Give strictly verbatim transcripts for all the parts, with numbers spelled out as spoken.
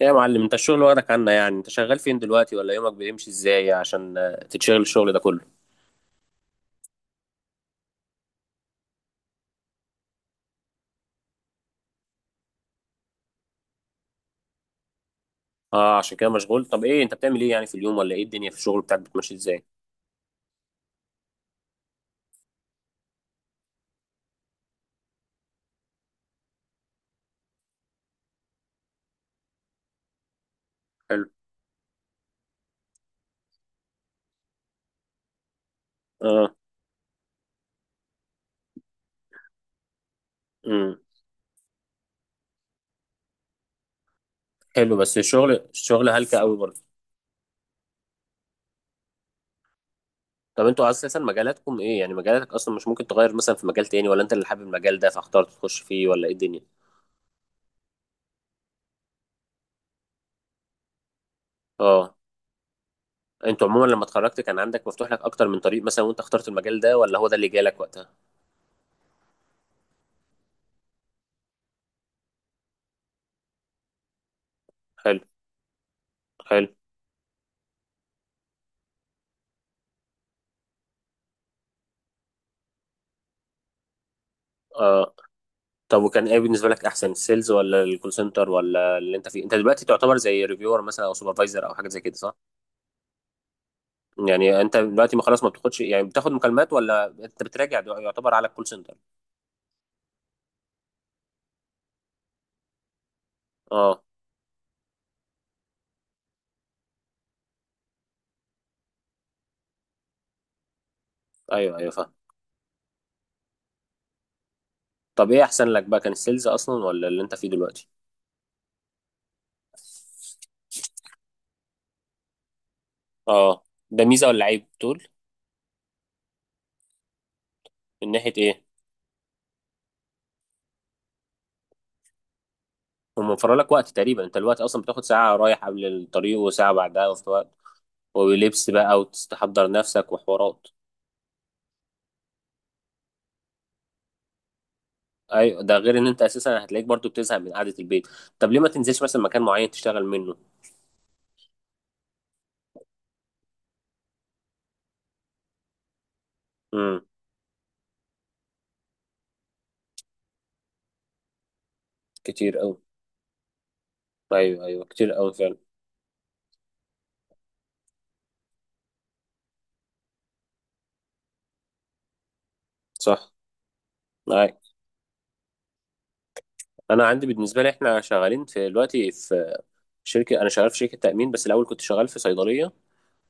ايه يا معلم، انت الشغل واخدك عنا؟ يعني انت شغال فين دلوقتي ولا يومك بيمشي ازاي عشان آه، تتشغل الشغل ده كله؟ اه، عشان كده مشغول. طب ايه، انت بتعمل ايه يعني في اليوم، ولا ايه الدنيا في الشغل بتاعك بتمشي ازاي؟ حلو. اه. امم حلو، بس الشغل الشغل هلكة قوي برضه. طب انتوا اساسا مجالاتكم ايه؟ يعني مجالاتك اصلا مش ممكن تغير مثلا في مجال تاني، ولا انت اللي حابب المجال ده فاخترت تخش فيه، ولا ايه الدنيا؟ اه. انتوا عموما لما اتخرجت كان عندك مفتوح لك اكتر من طريق مثلا وانت اخترت المجال ده، ولا هو ده اللي جالك وقتها؟ حلو. حلو. اه. طب وكان ايه بالنسبه لك احسن، السيلز ولا الكول سنتر ولا اللي انت فيه؟ انت دلوقتي تعتبر زي ريفيور مثلا او سوبرفايزر او حاجه زي كده، صح؟ يعني انت دلوقتي ما خلاص ما بتاخدش، يعني بتاخد مكالمات، ولا انت بتراجع دو-، يعتبر على الكول سنتر؟ اه. ايوه ايوه فاهم. طب ايه احسن لك بقى، كان السيلز اصلا ولا اللي انت فيه دلوقتي؟ اه. ده ميزه ولا عيب تقول؟ من ناحيه ايه؟ هم موفر لك وقت تقريبا، انت الوقت اصلا بتاخد ساعه رايح قبل الطريق وساعه بعدها وفي وقت. ولبس بقى وتستحضر نفسك وحوارات. ايوه، ده غير ان انت اساسا هتلاقيك برضو بتزهق من قعده البيت. طب ليه ما تنزلش مثلا مكان معين تشتغل منه؟ امم كتير قوي. ايوه ايوه كتير قوي فعلا. صح. معاك. انا عندي بالنسبه لي، احنا شغالين في دلوقتي في شركه، انا شغال في شركه تامين، بس الاول كنت شغال في صيدليه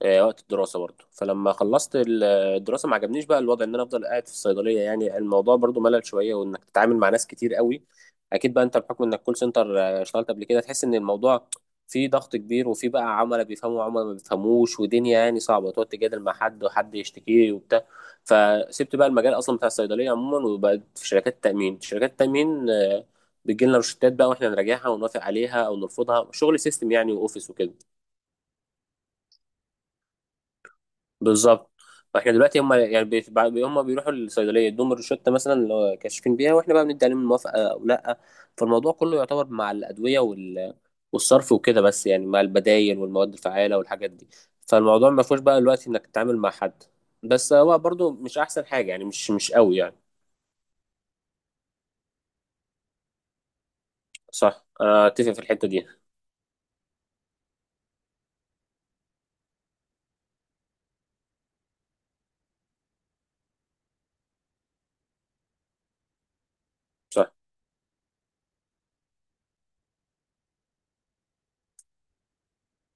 آه، وقت الدراسة برضو. فلما خلصت ال- الدراسة، ما عجبنيش بقى الوضع ان انا افضل قاعد في الصيدلية، يعني الموضوع برضو ملل شوية وانك تتعامل مع ناس كتير قوي. اكيد بقى انت بحكم انك كول سنتر آه، اشتغلت قبل كده، تحس ان الموضوع فيه ضغط كبير، وفيه بقى عملاء بيفهموا وعملاء ما بيفهموش، ودنيا يعني صعبة تقعد تجادل مع حد، وحد يشتكي وبتاع. فسبت بقى المجال اصلا بتاع الصيدلية عموما وبقيت في شركات التأمين. شركات التأمين آه، بتجيلنا روشتات بقى واحنا نراجعها ونوافق عليها او نرفضها، شغل سيستم يعني واوفيس وكده. بالظبط. فاحنا دلوقتي هم يعني بيت- بع- هم بيروحوا الصيدليه يدوهم الروشته مثلا اللي هو كاشفين بيها، واحنا بقى بندي عليهم الموافقه او لا. فالموضوع كله يعتبر مع الادويه وال- والصرف وكده، بس يعني مع البدايل والمواد الفعاله والحاجات دي. فالموضوع ما فيهوش بقى دلوقتي انك تتعامل مع حد. بس هو برضو مش احسن حاجه يعني، مش مش قوي يعني. صح، انا اتفق في الحته دي. صح.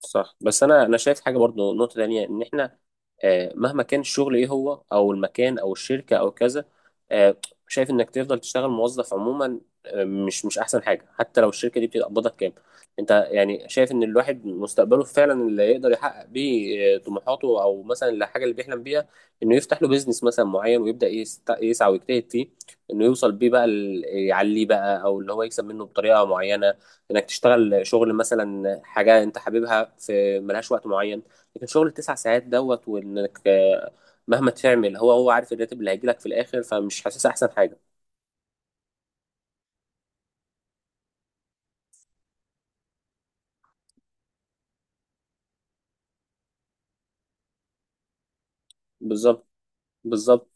صح. بس انا انا شايف حاجه برضو، نقطه تانية، ان احنا آه، مهما كان الشغل ايه هو او المكان او الشركه او كذا، آه، شايف انك تفضل تشتغل موظف عموما، آه، مش مش احسن حاجه حتى لو الشركه دي بتقبضك كام. انت يعني شايف ان الواحد مستقبله فعلا اللي يقدر يحقق بيه آه، طموحاته، او مثلا الحاجه اللي بيحلم بيها، انه يفتح له بيزنس مثلا معين ويبدا يست- يسعى ويجتهد فيه، انه يوصل بيه بقى ال- يعليه بقى، او اللي هو يكسب منه بطريقه معينه. انك تشتغل شغل مثلا حاجه انت حاببها في ملهاش وقت معين، لكن شغل التسع ساعات دوت، وانك آه، مهما تعمل، هو هو عارف الراتب اللي هيجيلك في الاخر، فمش حاسس احسن حاجه. بالظبط. بالظبط.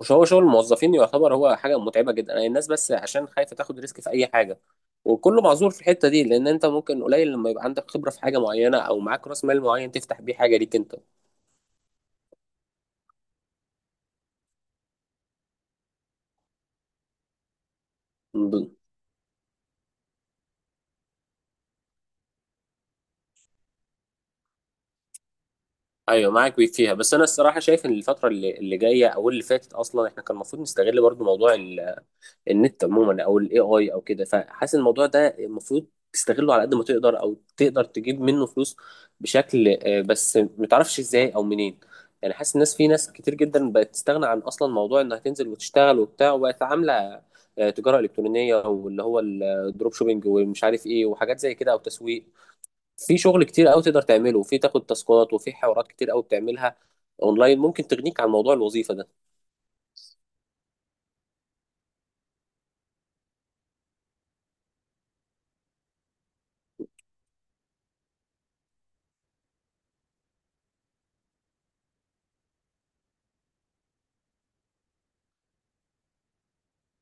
مش هو شغل الموظفين يعتبر هو حاجه متعبه جدا؟ الناس بس عشان خايفه تاخد ريسك في اي حاجه، وكله معذور في الحته دي، لان انت ممكن قليل لما يبقى عندك خبره في حاجه معينه او معاك راس مال معين تفتح بيه حاجه ليك انت. ايوه معاك بيك فيها. بس انا الصراحه شايف ان الفتره اللي اللي جايه، او اللي فاتت اصلا، احنا كان المفروض نستغل برضو موضوع ال- النت عموما، او الاي اي او كده. فحاسس إن الموضوع ده المفروض تستغله على قد ما تقدر، او تقدر تجيب منه فلوس بشكل، آه، بس متعرفش ازاي او منين. يعني حاسس الناس، في ناس كتير جدا بقت تستغنى عن اصلا موضوع انها تنزل وتشتغل وبتاع، وبقت عامله آه، تجاره الكترونيه، واللي هو الدروب شوبينج ومش عارف ايه، وحاجات زي كده او تسويق. في شغل كتير قوي تقدر تعمله، وفي تاخد تاسكات، وفي حوارات كتير قوي بتعملها اونلاين ممكن تغنيك عن موضوع الوظيفه ده.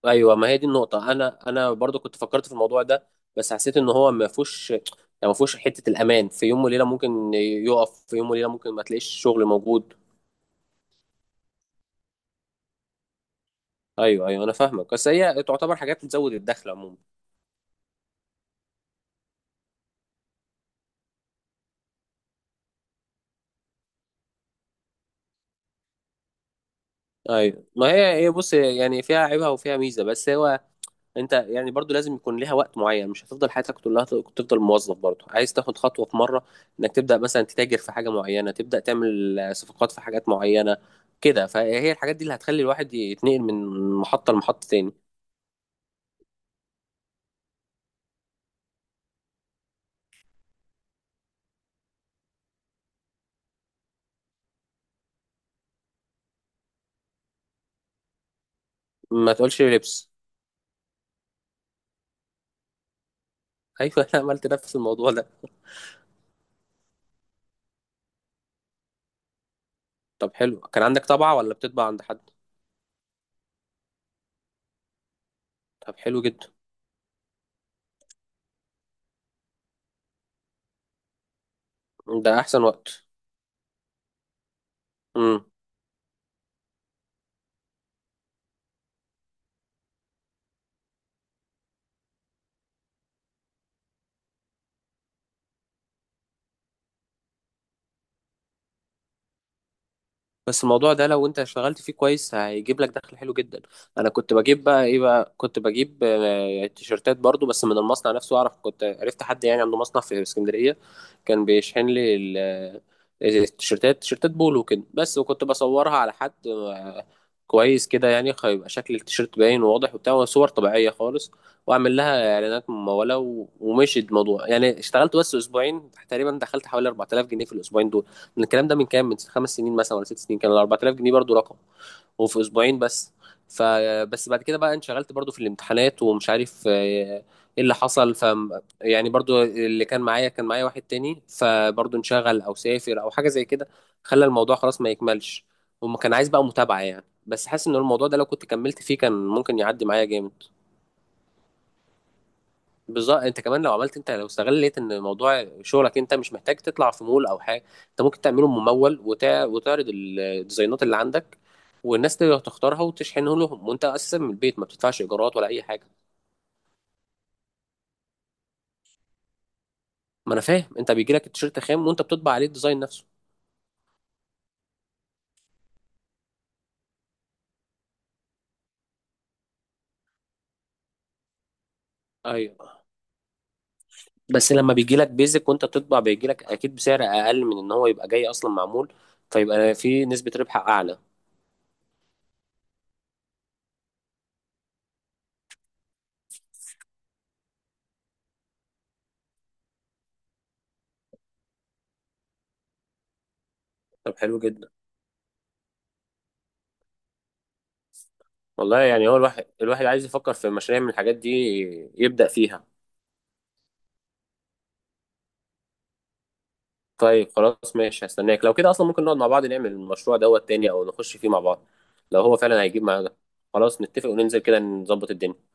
ايوه، ما هي دي النقطه. انا انا برضو كنت فكرت في الموضوع ده، بس حسيت ان هو ما فيهوش يعني، ما فيهوش حته الامان. في يوم وليله ممكن يقف، في يوم وليله ممكن ما تلاقيش شغل موجود. ايوه ايوه انا فاهمك، بس هي تعتبر حاجات بتزود الدخل عموما. ايوه، ما هي هي بص يعني، فيها عيبها وفيها ميزه، بس هو انت يعني برضو لازم يكون ليها وقت معين، مش هتفضل حياتك كلها تفضل موظف برضو. عايز تاخد خطوة في مرة، انك تبدأ مثلا تتاجر في حاجة معينة، تبدأ تعمل صفقات في حاجات معينة كده. فهي الحاجات دي اللي هتخلي الواحد يتنقل من محطة لمحطة تاني. ما تقولش لبس. ايوه، انا عملت نفس الموضوع ده. طب حلو، كان عندك طبعة ولا بتطبع عند حد؟ طب حلو جدا. ده احسن وقت. بس الموضوع ده لو انت اشتغلت فيه كويس هيجيب لك دخل حلو جدا. انا كنت بجيب بقى ايه بقى، كنت بجيب آه، تيشرتات برضو، بس من المصنع نفسه. اعرف كنت عرفت حد يعني عنده مصنع في اسكندرية، كان بيشحن لي ال- آه، التيشرتات. تيشرتات بولو كده بس، وكنت بصورها على حد آه، كويس كده، يعني هيبقى شكل التيشرت باين وواضح وبتاع، صور طبيعية خالص. واعمل لها اعلانات ممولة، و- ومشي الموضوع يعني. اشتغلت بس اسبوعين تقريبا، دخلت حوالي أربعة آلاف جنيه في الاسبوعين دول. الكلام ده من كام، من خمس سنين مثلا ولا ست سنين، كان ال أربعة آلاف جنيه برضو رقم، وفي اسبوعين بس. فبس بعد كده بقى انشغلت برضو في الامتحانات ومش عارف آه، ايه اللي حصل. ف يعني برضو اللي كان معايا كان معايا واحد تاني، فبرضو انشغل او سافر او حاجه زي كده، خلى الموضوع خلاص ما يكملش. وما كان عايز بقى متابعه يعني، بس حاسس ان الموضوع ده لو كنت كملت فيه كان ممكن يعدي معايا جامد. بالظبط. انت كمان لو عملت، انت لو استغليت ان موضوع شغلك، انت مش محتاج تطلع في مول او حاجه، انت ممكن تعمله ممول، وتع... وتعرض الديزاينات اللي عندك، والناس تقدر تختارها وتشحنه لهم، وانت اساسا من البيت ما بتدفعش ايجارات ولا اي حاجه. ما انا فاهم، انت بيجي لك التيشيرت خام وانت بتطبع عليه الديزاين نفسه. ايوه. بس لما بيجي لك بيزك وانت بتطبع، بيجي لك اكيد بسعر اقل من ان هو يبقى جاي اصلا معمول، فيبقى في نسبه ربح اعلى. طب حلو جدا. والله يعني هو الواحد، الواحد عايز يفكر في مشاريع من الحاجات دي يبدأ فيها. طيب خلاص ماشي، هستناك. لو كده اصلا ممكن نقعد مع بعض نعمل المشروع دوت تاني، او نخش فيه مع بعض لو هو فعلا هيجيب معانا ده. خلاص نتفق وننزل كده نظبط الدنيا.